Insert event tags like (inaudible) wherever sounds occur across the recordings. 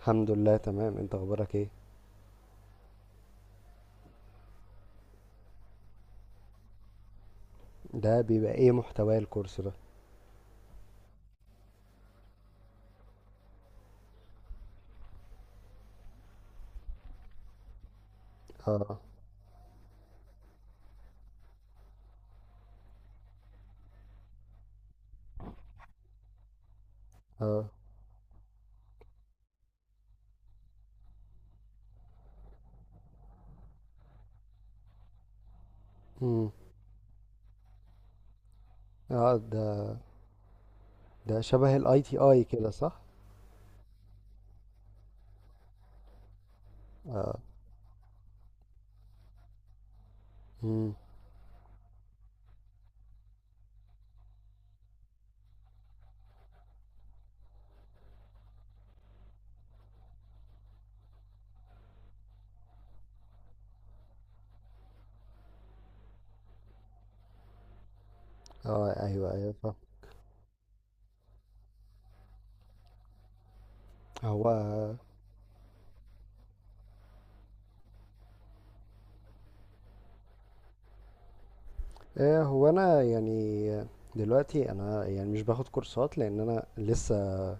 الحمد لله تمام. انت اخبارك ايه؟ ده بيبقى ايه محتوى الكورس ده؟ اه. اه. امم. اه، ده شبه الاي تي اي كده صح؟ اه. امم. اه، ايوه، ايوه، فاهم. هو ايه، هو انا يعني دلوقتي، انا يعني مش باخد كورسات لان انا لسه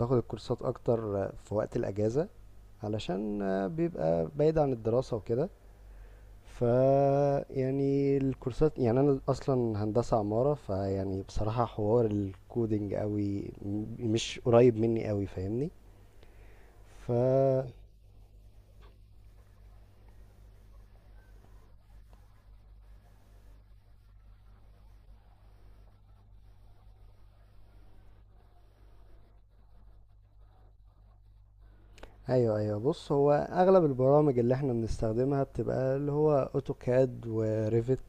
باخد الكورسات اكتر في وقت الاجازة، علشان بيبقى بعيد عن الدراسة وكده. ف يعني الكورسات، يعني انا اصلا هندسة عمارة، فيعني بصراحة حوار الكودينج قوي مش قريب مني قوي، فاهمني؟ ف ايوه، ايوه. بص، هو اغلب البرامج اللي احنا بنستخدمها بتبقى اللي هو اوتوكاد وريفت.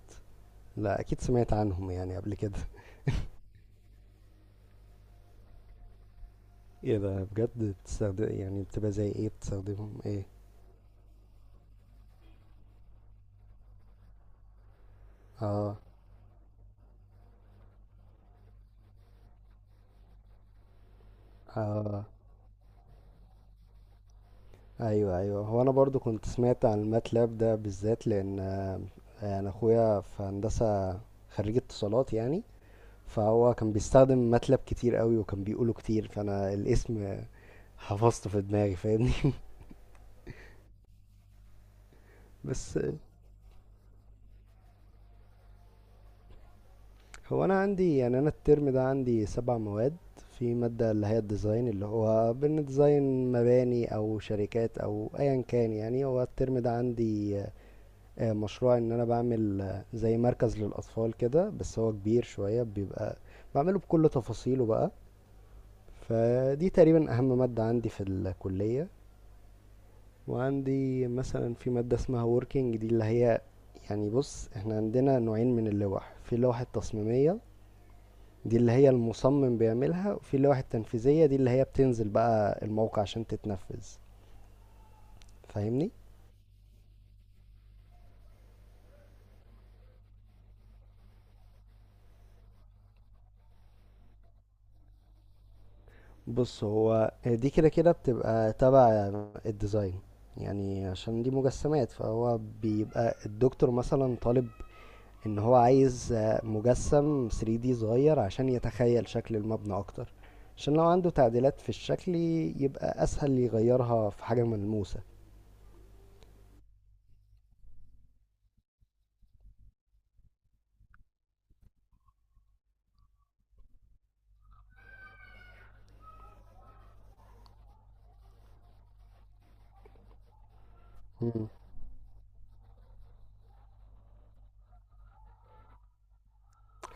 لا، اكيد سمعت عنهم يعني قبل كده. (laughs) ايه ده بجد؟ بتستخدم يعني بتبقى زي ايه؟ بتستخدمهم ايه؟ اه، اه، ايوه، ايوه. هو انا برضو كنت سمعت عن الماتلاب ده بالذات لان انا اخويا في هندسه، خريج اتصالات يعني. فهو كان بيستخدم ماتلاب كتير قوي، وكان بيقوله كتير، فانا الاسم حفظته في دماغي، فاهمني؟ (laughs) بس هو انا عندي، يعني انا الترم ده عندي سبع مواد. في مادة اللي هي الديزاين، اللي هو بنديزاين مباني او شركات او ايا كان. يعني هو الترم ده عندي مشروع ان انا بعمل زي مركز للاطفال كده، بس هو كبير شوية. بيبقى بعمله بكل تفاصيله بقى. فدي تقريبا اهم مادة عندي في الكلية. وعندي مثلا في مادة اسمها working. دي اللي هي، يعني بص، احنا عندنا نوعين من اللوح. في لوحة تصميمية دي اللي هي المصمم بيعملها، وفي لوحة تنفيذية دي اللي هي بتنزل بقى الموقع عشان تتنفذ، فاهمني؟ بص، هو دي كده كده بتبقى تبع الديزاين. يعني عشان دي مجسمات، فهو بيبقى الدكتور مثلا طالب ان هو عايز مجسم 3D صغير عشان يتخيل شكل المبنى اكتر. عشان لو عنده تعديلات في الشكل، يبقى اسهل يغيرها في حاجة ملموسة. مم.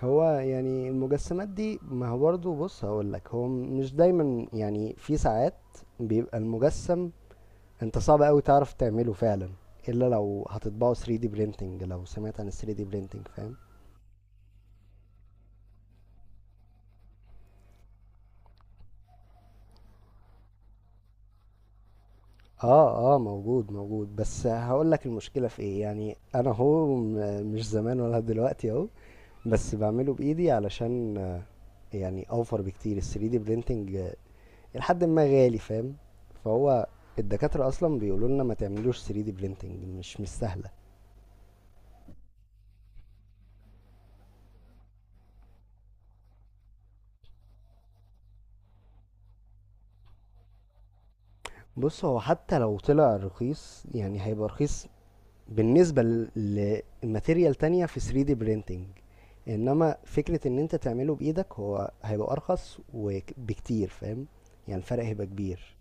هو يعني المجسمات دي، ما هو برضه، بص هقولك، هو مش دايما. يعني في ساعات بيبقى المجسم انت صعب قوي تعرف تعمله فعلا، الا لو هتطبعه 3D printing. لو سمعت عن ال 3D printing فاهم؟ اه، اه، موجود موجود. بس هقولك المشكلة في ايه. يعني انا هو مش زمان ولا دلوقتي اهو، بس بعمله بايدي علشان يعني اوفر بكتير ال 3D printing، لحد ما غالي، فاهم؟ فهو الدكاترة اصلا بيقولوا لنا ما تعملوش 3D printing، مش سهلة. بص، هو حتى لو طلع رخيص يعني هيبقى رخيص بالنسبة لماتيريال تانية في 3D printing. انما فكرة ان انت تعمله بايدك، هو هيبقى ارخص بكتير، فاهم؟ يعني الفرق هيبقى كبير.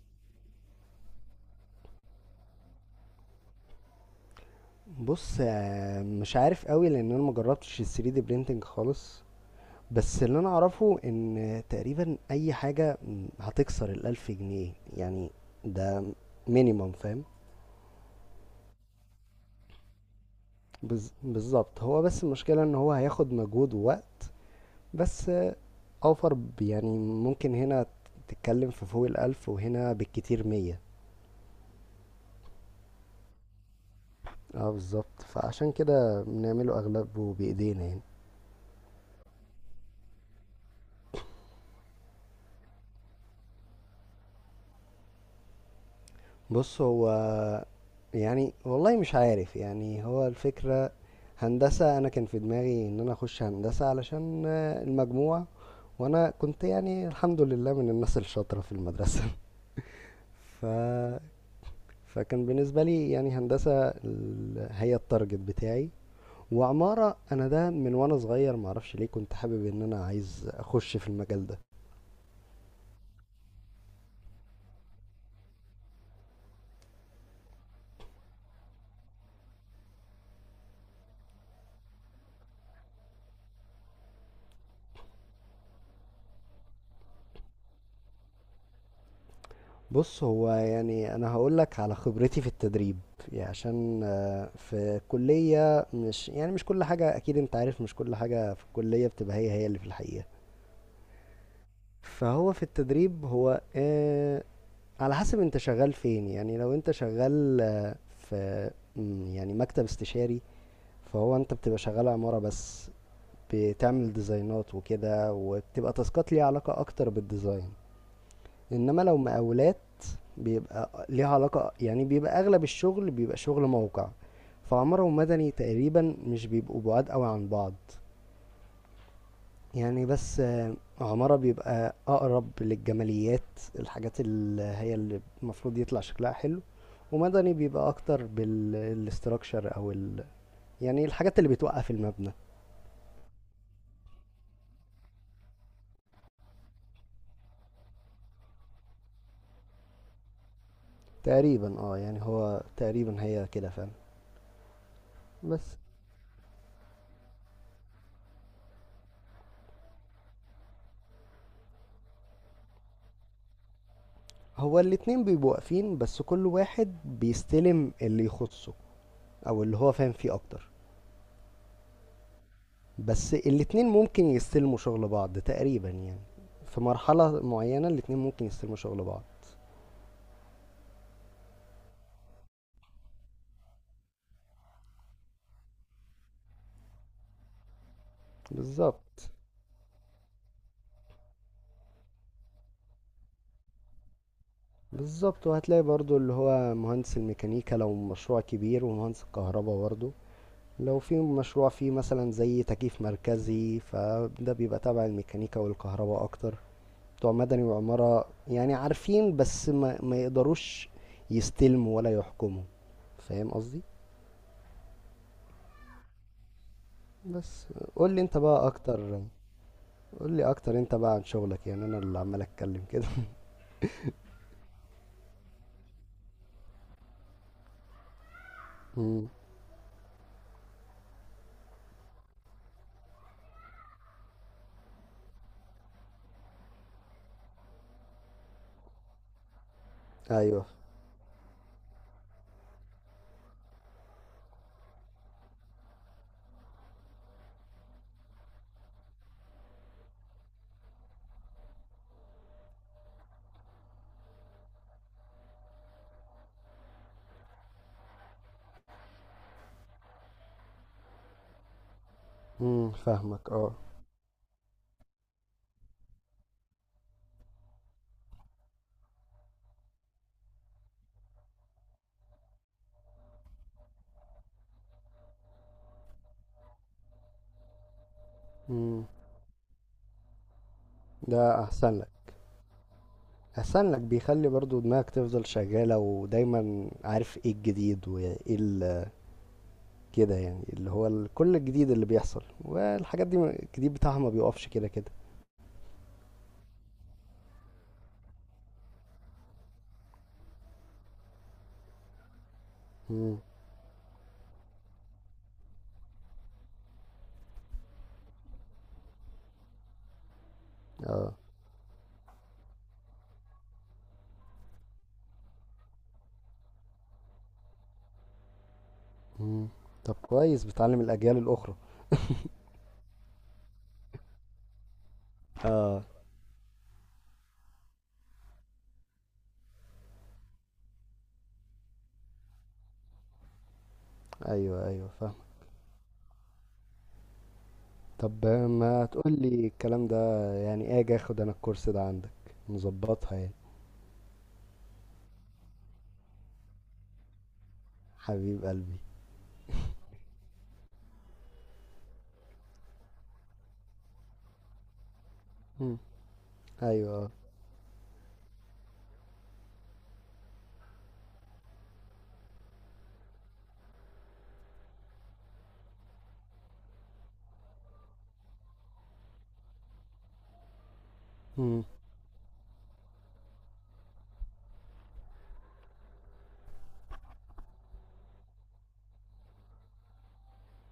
بص مش عارف قوي لان انا مجربتش ال 3D printing خالص. بس اللي انا اعرفه ان تقريبا اي حاجة هتكسر الالف جنيه يعني. ده مينيمم، فاهم؟ بالظبط. هو بس المشكلة ان هو هياخد مجهود ووقت، بس اوفر، يعني ممكن هنا تتكلم في فوق الألف، وهنا بالكتير مية. اه، بالظبط. فعشان كده بنعمله أغلبه بإيدينا يعني. بص، هو يعني والله مش عارف. يعني هو الفكرة، هندسة، أنا كان في دماغي إن أنا أخش هندسة علشان المجموع، وأنا كنت يعني الحمد لله من الناس الشاطرة في المدرسة. (laughs) ف... فكان بالنسبة لي يعني هندسة، هي التارجت بتاعي. وعمارة، انا ده من وانا صغير معرفش ليه كنت حابب ان انا عايز اخش في المجال ده. بص، هو يعني انا هقولك على خبرتي في التدريب. يعني عشان في كلية، مش يعني مش كل حاجة، اكيد انت عارف مش كل حاجة في الكلية بتبقى هي هي اللي في الحقيقة. فهو في التدريب هو على حسب انت شغال فين. يعني لو انت شغال في يعني مكتب استشاري، فهو انت بتبقى شغال عمارة بس. بتعمل ديزاينات وكده، وبتبقى تاسكات ليها علاقة اكتر بالديزاين. انما لو مقاولات، بيبقى ليها علاقة، يعني بيبقى اغلب الشغل بيبقى شغل موقع. فعمارة ومدني تقريبا مش بيبقوا بعاد قوي عن بعض. يعني بس عمارة بيبقى اقرب للجماليات، الحاجات اللي هي اللي المفروض يطلع شكلها حلو. ومدني بيبقى اكتر بالاستراكشر او يعني الحاجات اللي بتوقف المبنى. تقريبا اه، يعني هو تقريبا هي كده فعلا. بس هو الاتنين بيبقوا واقفين، بس كل واحد بيستلم اللي يخصه او اللي هو فاهم فيه اكتر. بس الاتنين ممكن يستلموا شغل بعض تقريبا يعني، في مرحلة معينة الاتنين ممكن يستلموا شغل بعض. بالظبط. بالظبط. وهتلاقي برضو اللي هو مهندس الميكانيكا لو مشروع كبير، ومهندس الكهرباء برضو لو في مشروع فيه مثلا زي تكييف مركزي، فده بيبقى تبع الميكانيكا والكهرباء اكتر. بتوع مدني وعمارة يعني عارفين، بس ما يقدروش يستلموا ولا يحكموا، فاهم قصدي؟ بس قول لي انت بقى اكتر. قول لي اكتر انت بقى عن شغلك، يعني انا اللي عمال اتكلم كده. (laughs) امم. ايوه. امم، فاهمك. اه. امم. ده احسن لك. احسن لك، بيخلي برضو دماغك تفضل شغالة ودايما عارف ايه الجديد وايه كده. يعني اللي هو كل الجديد اللي بيحصل، والحاجات دي الجديد بتاعها ما بيقفش كده كده. امم. اه. مم. طب كويس، بتعلم الأجيال الأخرى. اه، ايوه، ايوه، فاهم. طب ما تقول لي الكلام ده. يعني اجي اخد انا الكورس ده عندك، نظبطها يعني. حبيب قلبي. مم. ايوه. امم.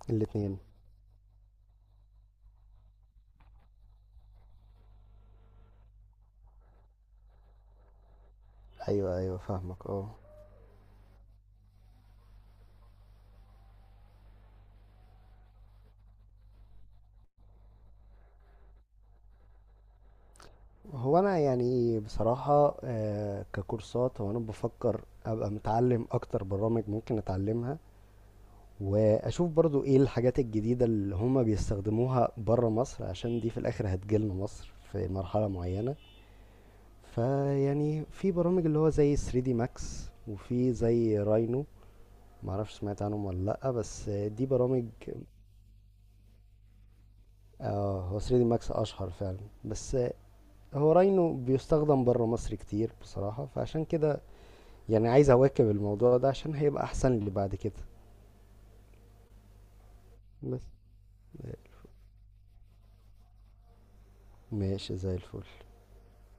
الاتنين. ايوه، ايوه، فاهمك. اه. هو انا يعني بصراحة ككورسات، هو انا بفكر ابقى متعلم اكتر برامج ممكن اتعلمها، واشوف برضو ايه الحاجات الجديدة اللي هما بيستخدموها برا مصر، عشان دي في الاخر هتجيلنا مصر في مرحلة معينة. فيعني في برامج اللي هو زي 3 دي ماكس، وفي زي راينو. معرفش سمعت عنهم ولا لأ، بس دي برامج. اه، هو 3 دي ماكس اشهر فعلا. بس هو راينو بيستخدم برا مصر كتير بصراحة، فعشان كده يعني عايز اواكب الموضوع ده عشان هيبقى احسن لي بعد كده. بس ماشي زي الفل